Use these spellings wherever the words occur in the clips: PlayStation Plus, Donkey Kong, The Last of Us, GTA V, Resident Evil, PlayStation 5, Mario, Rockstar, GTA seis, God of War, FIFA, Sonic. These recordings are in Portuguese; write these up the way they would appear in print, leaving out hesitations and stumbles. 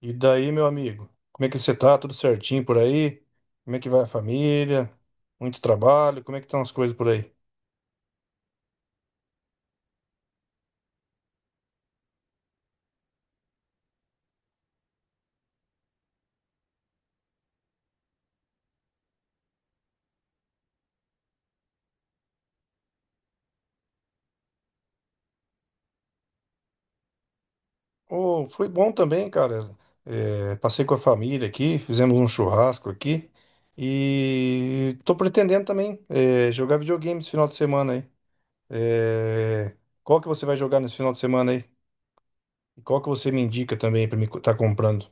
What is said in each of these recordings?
E daí, meu amigo? Como é que você tá? Tudo certinho por aí? Como é que vai a família? Muito trabalho? Como é que estão as coisas por aí? Oh, foi bom também, cara. É, passei com a família aqui, fizemos um churrasco aqui. E tô pretendendo também jogar videogame esse final de semana aí. É, qual que você vai jogar nesse final de semana aí? E qual que você me indica também pra tá comprando?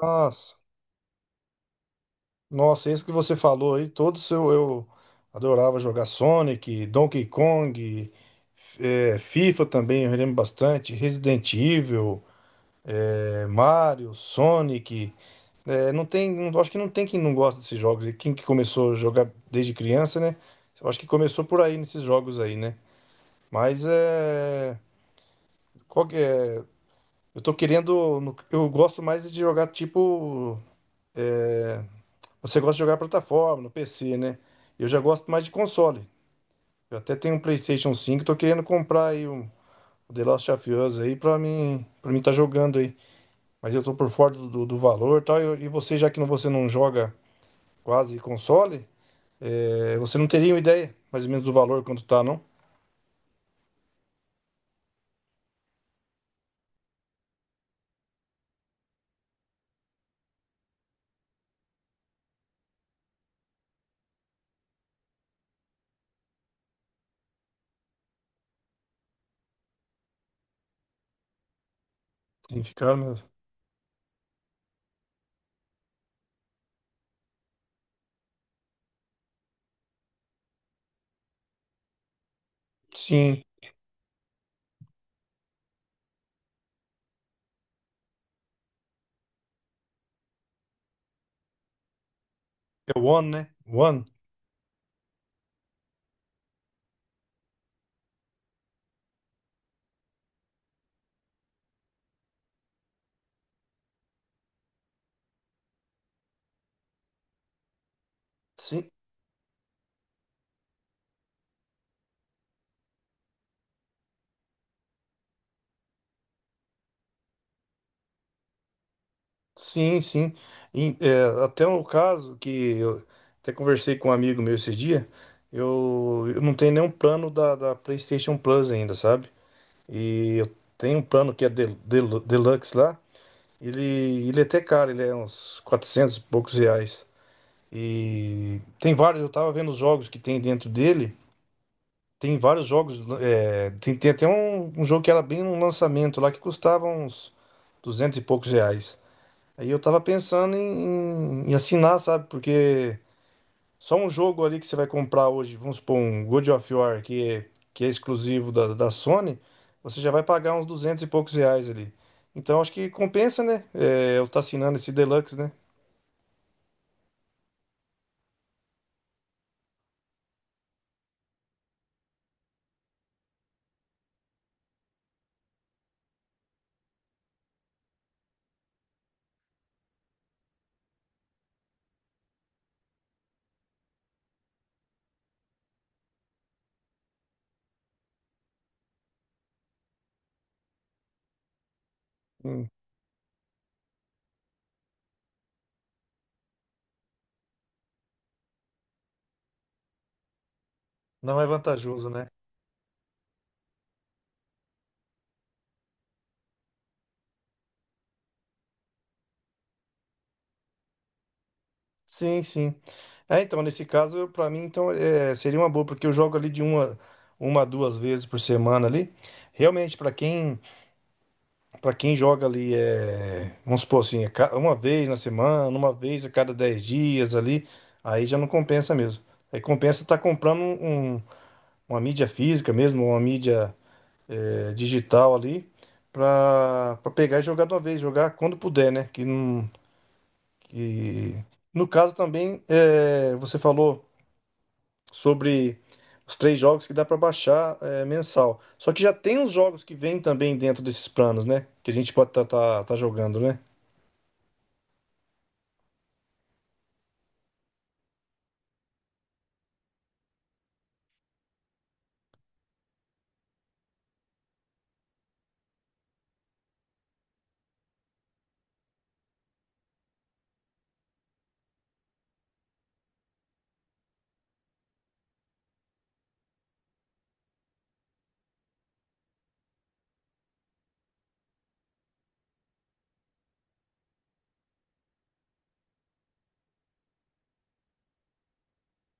Nossa. Nossa, isso que você falou aí, todos eu adorava jogar Sonic, Donkey Kong, FIFA também, eu lembro bastante, Resident Evil, Mario, Sonic. Não tem, não- Acho que não tem quem não gosta desses jogos. E quem que começou a jogar desde criança, né? Eu acho que começou por aí nesses jogos aí, né? Mas é, qual que é? Eu tô querendo, eu gosto mais de jogar tipo. É, Você gosta de jogar plataforma, no PC, né? Eu já gosto mais de console. Eu até tenho um PlayStation 5, tô querendo comprar aí o The Last of Us aí pra mim, para mim tá jogando aí. Mas eu tô por fora do valor e tal. E você, já que não, você não joga quase console, você não teria uma ideia mais ou menos do valor quanto tá, não? Tem que ficar, mas... Sim, é o One, né? One. Sim, sim, sim. E, até um caso que eu até conversei com um amigo meu esse dia, eu não tenho nenhum plano da, da PlayStation Plus ainda, sabe? E eu tenho um plano que é Deluxe lá, ele, ele é até caro, ele é uns 400 e poucos reais. E tem vários, eu tava vendo os jogos que tem dentro dele, tem vários jogos, tem até um jogo que era bem um lançamento lá que custava uns 200 e poucos reais. Aí eu tava pensando em assinar, sabe? Porque só um jogo ali que você vai comprar hoje, vamos supor um God of War, que é exclusivo da Sony, você já vai pagar uns 200 e poucos reais ali. Então acho que compensa, né? É, eu estar assinando esse Deluxe, né? Hum. Não é vantajoso, né? Sim, sim. É, então, nesse caso, pra mim, então, seria uma boa, porque eu jogo ali de uma a duas vezes por semana ali. Realmente, pra quem para quem joga ali, vamos supor assim, uma vez na semana, uma vez a cada 10 dias ali, aí já não compensa mesmo. Aí compensa estar comprando uma mídia física mesmo, uma mídia digital ali, para pra pegar e jogar de uma vez, jogar quando puder, né? Que não, que... No caso também, você falou sobre os três jogos que dá para baixar mensal. Só que já tem os jogos que vêm também dentro desses planos, né? Que a gente pode estar jogando, né?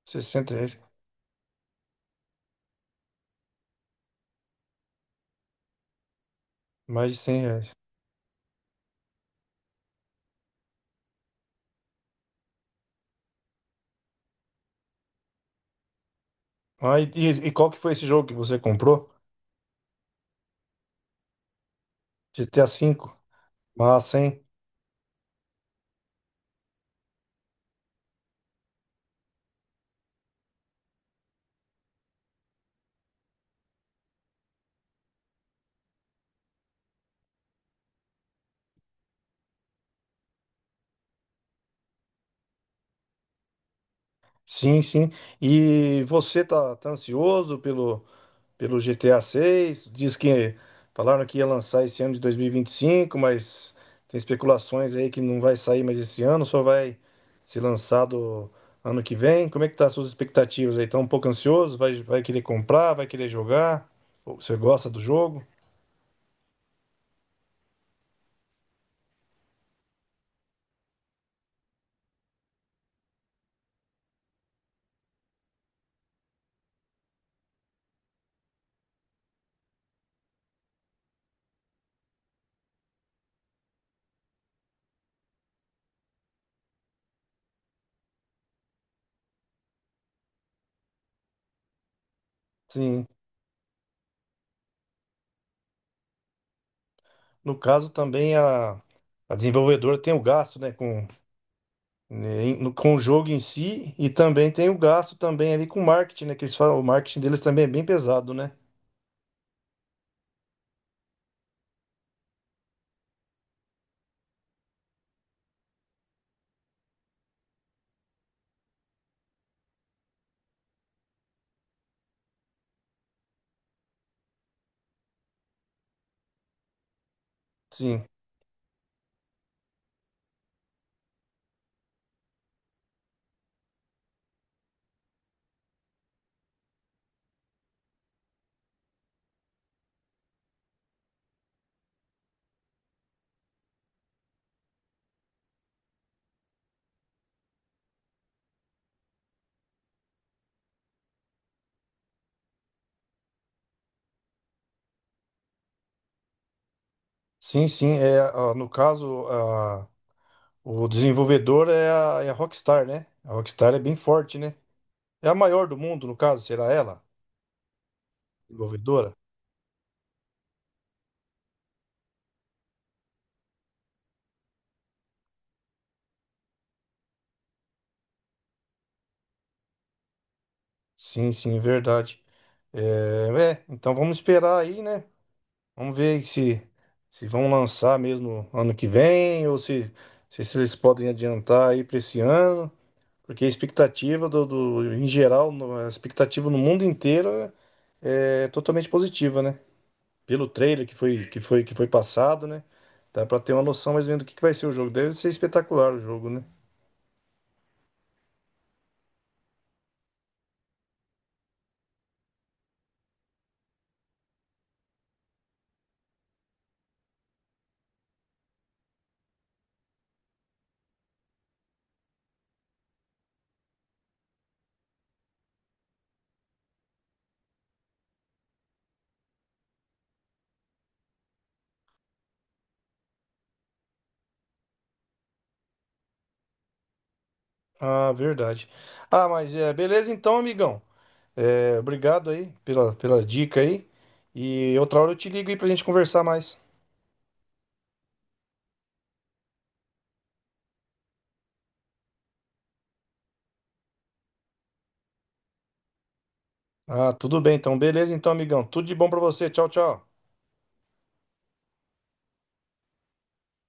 R$ 60. Mais de R$ 100. Ah, e qual que foi esse jogo que você comprou? GTA V? Massa, hein? Sim, sim. E você tá ansioso pelo, GTA 6. Diz que falaram que ia lançar esse ano de dois mil e vinte e cinco, mas tem especulações aí que não vai sair mais esse ano, só vai ser lançado ano que vem. Como é que tá as suas expectativas aí? Tá um pouco ansioso? Vai querer comprar? Vai querer jogar? Você gosta do jogo? Sim. No caso, também a desenvolvedora tem o gasto, né, com, né, com o jogo em si, e também tem o gasto também ali com marketing, né, que eles falam, o marketing deles também é bem pesado, né? Sim, sim, sim. É, no caso, o desenvolvedor é a Rockstar, né? A Rockstar é bem forte, né? É a maior do mundo, no caso, será ela, desenvolvedora? Sim, sim, é verdade. É, então vamos esperar aí, né? Vamos ver se vão lançar mesmo ano que vem, ou se eles podem adiantar aí para esse ano, porque a expectativa em geral, a expectativa no mundo inteiro é totalmente positiva, né? Pelo trailer que foi passado, né? Dá para ter uma noção mais ou menos do que vai ser o jogo. Deve ser espetacular o jogo, né? Ah, verdade. Ah, mas beleza então, amigão. É, obrigado aí pela dica aí. E outra hora eu te ligo aí pra gente conversar mais. Ah, tudo bem então. Beleza então, amigão. Tudo de bom pra você. Tchau, tchau.